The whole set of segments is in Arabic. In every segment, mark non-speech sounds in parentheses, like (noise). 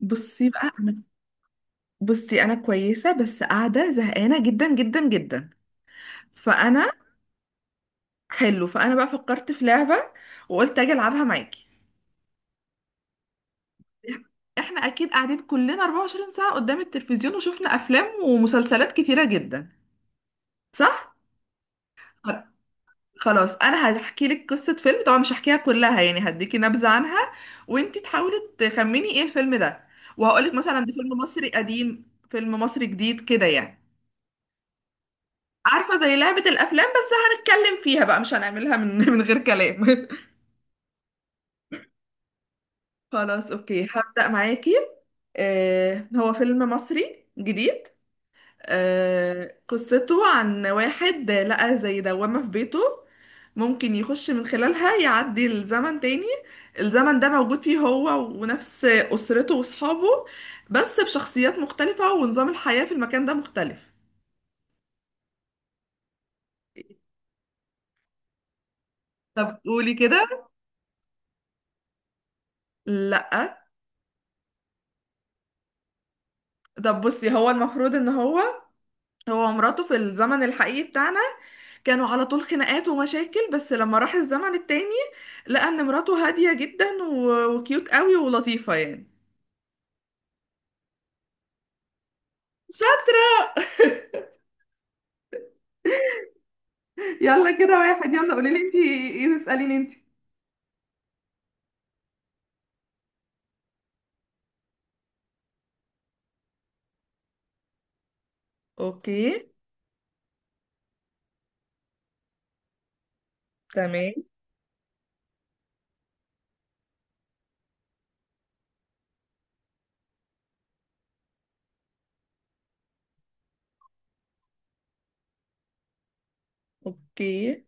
بصي بقى أنا- بصي انا كويسه، بس قاعده زهقانه جدا جدا جدا. فانا حلو، فانا بقى فكرت في لعبه، وقلت اجي العبها معاكي. احنا اكيد قاعدين كلنا 24 ساعه قدام التلفزيون، وشفنا افلام ومسلسلات كتيره جدا، صح؟ خ- خلاص، انا هحكي لك قصه فيلم، طبعا مش هحكيها كلها، يعني هديكي نبذه عنها، وانتي تحاولي تخمني ايه الفيلم ده. وهقولك مثلا ده فيلم مصري قديم فيلم مصري جديد كده يعني. عارفة، زي لعبة الأفلام بس هنتكلم فيها بقى، مش هنعملها من (laughs) من غير كلام. (laughs) خلاص أوكي، هبدأ معاكي. هو فيلم مصري جديد. قصته عن واحد لقى زي دوامة في بيته، ممكن يخش من خلالها يعدي الزمن تاني. الزمن ده موجود فيه هو، ونفس أسرته وأصحابه، بس بشخصيات مختلفة ونظام الحياة في المكان ده مختلف. طب قولي كده. لأ. طب بصي، هو المفروض ان هو هو ومراته في الزمن الحقيقي بتاعنا، كانوا على طول خناقات ومشاكل، بس لما راح الزمن التاني، لقى ان مراته هادية جدا و- وكيوت قوي ولطيفة يعني. شاطر. يلا كده واحد، يلا قولي لي انت، ايه تسأليني انت؟ اوكي، تمام، اوكي،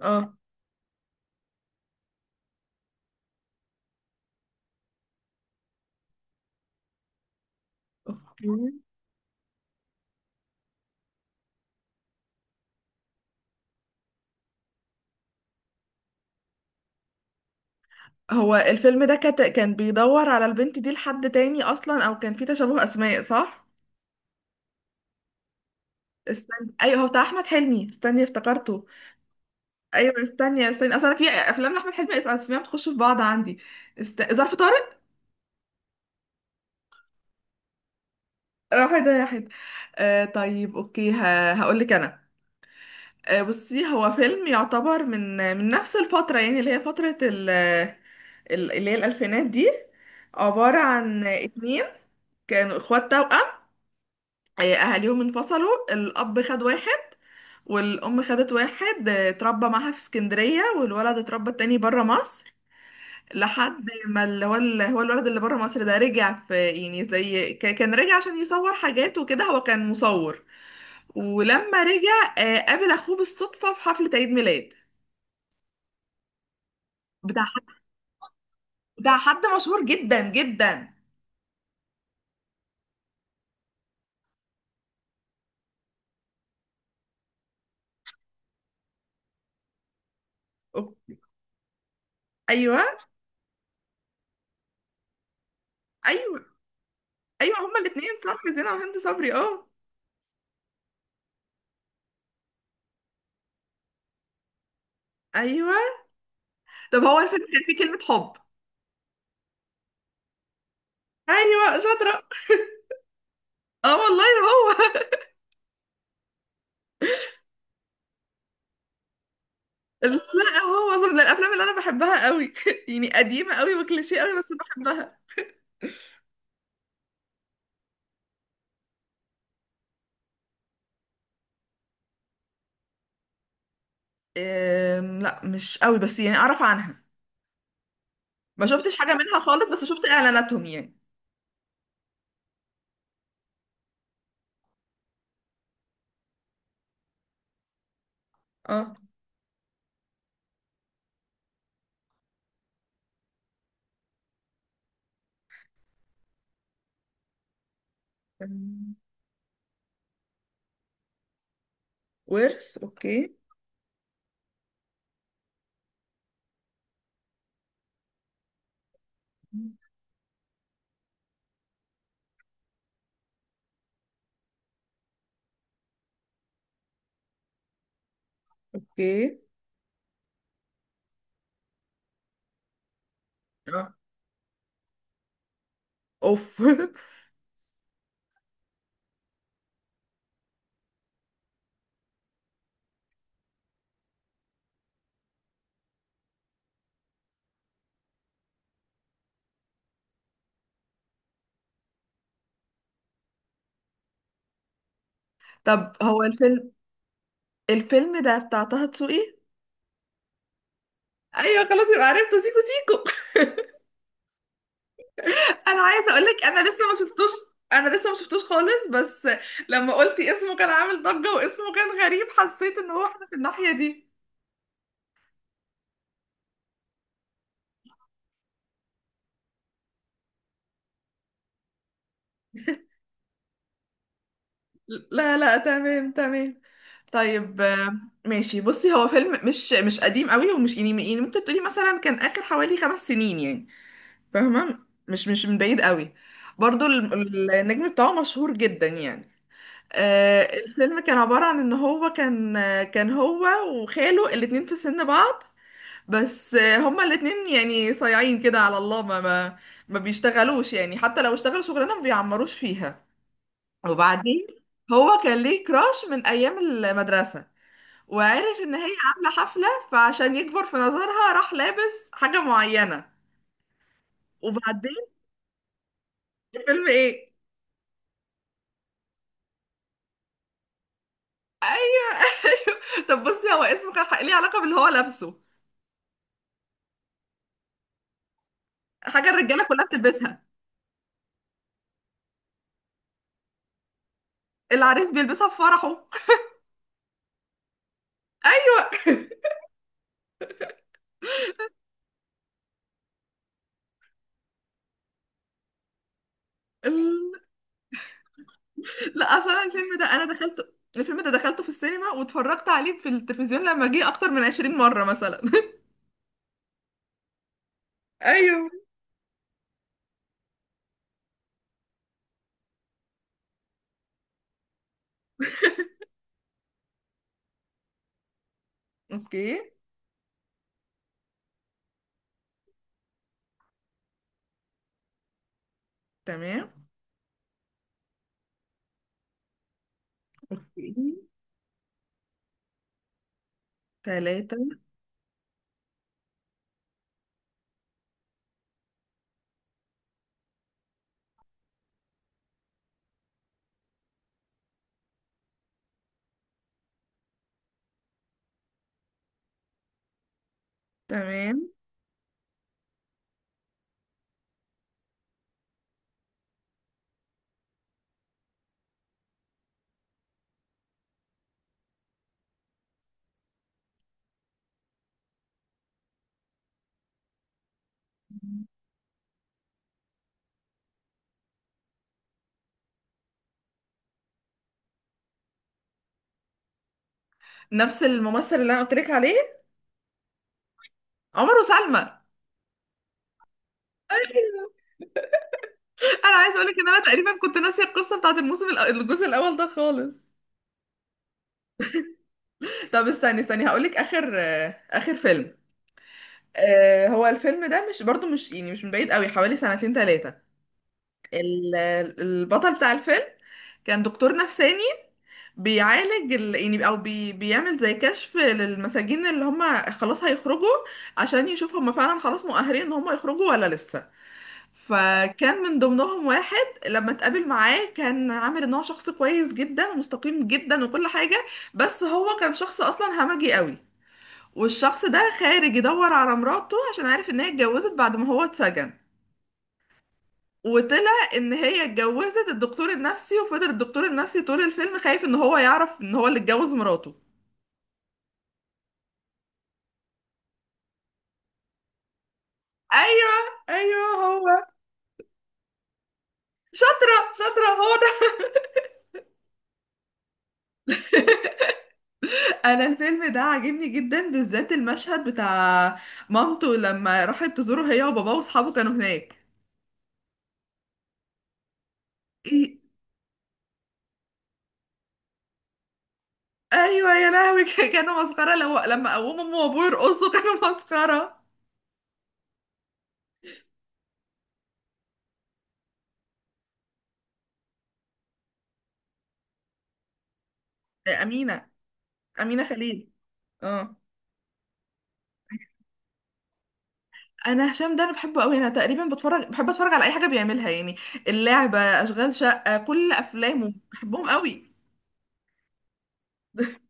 اه، اوكي. هو الفيلم ده كان بيدور على البنت دي لحد تاني اصلا، او كان في تشابه اسماء، صح؟ استنى، ايوه، هو بتاع احمد حلمي، استني افتكرته. ايوه، استني استني، اصل انا في افلام لاحمد حلمي اسمها بتخش في بعض عندي. ظرف طارق. آه، واحد، آه، واحد. آه، طيب اوكي، هقول لك انا. بصي، هو فيلم يعتبر من نفس الفتره، يعني اللي هي فتره اللي هي الالفينات دي، عباره عن اتنين كانوا اخوات توأم. اهاليهم انفصلوا، الاب خد واحد والام خدت واحد. اتربى معاها في اسكندريه، والولد اتربى التاني بره مصر، لحد ما اللي هو الولد اللي بره مصر ده رجع، في يعني زي كان رجع عشان يصور حاجات وكده، هو كان مصور. ولما رجع قابل اخوه بالصدفة في حفلة عيد ميلاد، بتاع حد بتاع حد مشهور جدا جدا. أوكي. ايوه. ايوه. ايوه، هما الاثنين، صح، زينة وهند صبري، اه. ايوه، طب هو الفيلم كان فيه كلمة حب؟ ايوه، شاطرة. اه والله. هو. (laughs) لا، هو أصلاً من الافلام اللي انا بحبها قوي، (laughs) يعني قديمة قوي وكليشيه قوي بس بحبها. لا، مش قوي بس يعني اعرف عنها، ما شفتش حاجة منها خالص بس شفت اعلاناتهم يعني. اه. أم، ورث، اوكي. اوكي. اه. اوف. (laughs) طب هو الفيلم الفيلم ده بتاع طه دسوقي؟ ايوه، خلاص يبقى عرفته، سيكو. سيكو. (laughs) انا عايزه اقول لك انا لسه ما شفتوش، انا لسه ما شفتوش خالص، بس لما قلتي اسمه كان عامل ضجه واسمه كان غريب، حسيت ان هو احنا في الناحيه دي. لا لا، تمام تمام. طيب، ماشي، بصي، هو فيلم مش قديم قوي، ومش يعني ممكن تقولي مثلا كان اخر حوالي 5 سنين يعني، فاهمه؟ مش من بعيد قوي. برضو النجم بتاعه مشهور جدا يعني. الفيلم كان عبارة عن ان هو كان، كان هو وخاله الاتنين في سن بعض، بس هما الاتنين يعني صايعين كده على الله، ما ما بيشتغلوش يعني، حتى لو اشتغلوا شغلانة ما بيعمروش فيها. وبعدين هو كان ليه كراش من ايام المدرسه، وعرف ان هي عامله حفله فعشان يكبر في نظرها راح لابس حاجه معينه. وبعدين. الفيلم ايه؟ (laughs) طب بصي، هو اسمه كان ليه علاقه باللي هو لابسه، حاجه الرجاله كلها بتلبسها، العريس بيلبسها في فرحه. (laughs) ايوه. ال- لا، اصلا الفيلم ده انا دخلته، الفيلم ده دخلته في السينما، واتفرجت عليه في التلفزيون لما جه اكتر من 20 مره مثلا. (laughs) ايوه. اوكي. تمام. اوكي. ثلاثة. تمام. نفس الممثل اللي انا قلت لك عليه، عمر وسلمى. (laughs) انا عايزه اقول لك ان انا تقريبا كنت ناسيه القصه بتاعت الموسم الجزء الاول ده خالص. طب استني استني، هقول لك اخر فيلم. هو الفيلم ده مش، برضو مش يعني مش من بعيد قوي، حوالي سنتين ثلاثه. البطل بتاع الفيلم كان دكتور نفساني، بيعالج يعني بيعمل زي كشف للمساجين اللي هم خلاص هيخرجوا، عشان يشوف هم فعلا خلاص مؤهلين ان هم يخرجوا ولا لسه. فكان من ضمنهم واحد لما اتقابل معاه كان عامل ان هو شخص كويس جدا ومستقيم جدا وكل حاجة، بس هو كان شخص اصلا همجي قوي. والشخص ده خارج يدور على مراته عشان عارف ان هي اتجوزت بعد ما هو اتسجن، وطلع ان هي اتجوزت الدكتور النفسي، وفضل الدكتور النفسي طول الفيلم خايف ان هو يعرف ان هو اللي اتجوز مراته. ايوه. ايوه، هو. شاطرة شاطرة، هو. انا الفيلم ده عاجبني جدا، بالذات المشهد بتاع مامته لما راحت تزوره هي وباباه واصحابه كانوا هناك. إيه؟ ايوه يا لهوي. (laughs) كانوا مسخره، لو لما قوموا امه وابوه يرقصوا كانوا (laughs) مسخره. آه، امينه. امينه خليل. اه. انا هشام ده انا بحبه قوي، انا تقريبا بحب اتفرج على اي حاجه بيعملها يعني، اللعبه، اشغال شقه، كل افلامه بحبهم قوي. (laughs)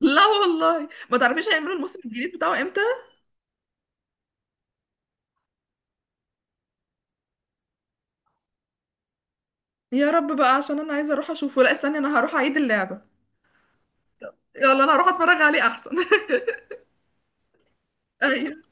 لا والله، ما تعرفيش هيعملوا الموسم الجديد بتاعه امتى؟ يا رب بقى، عشان انا عايزه اروح اشوفه، لا استني انا هروح اعيد اللعبه، يلا انا هروح اتفرج عليه احسن. (laughs) ايوه.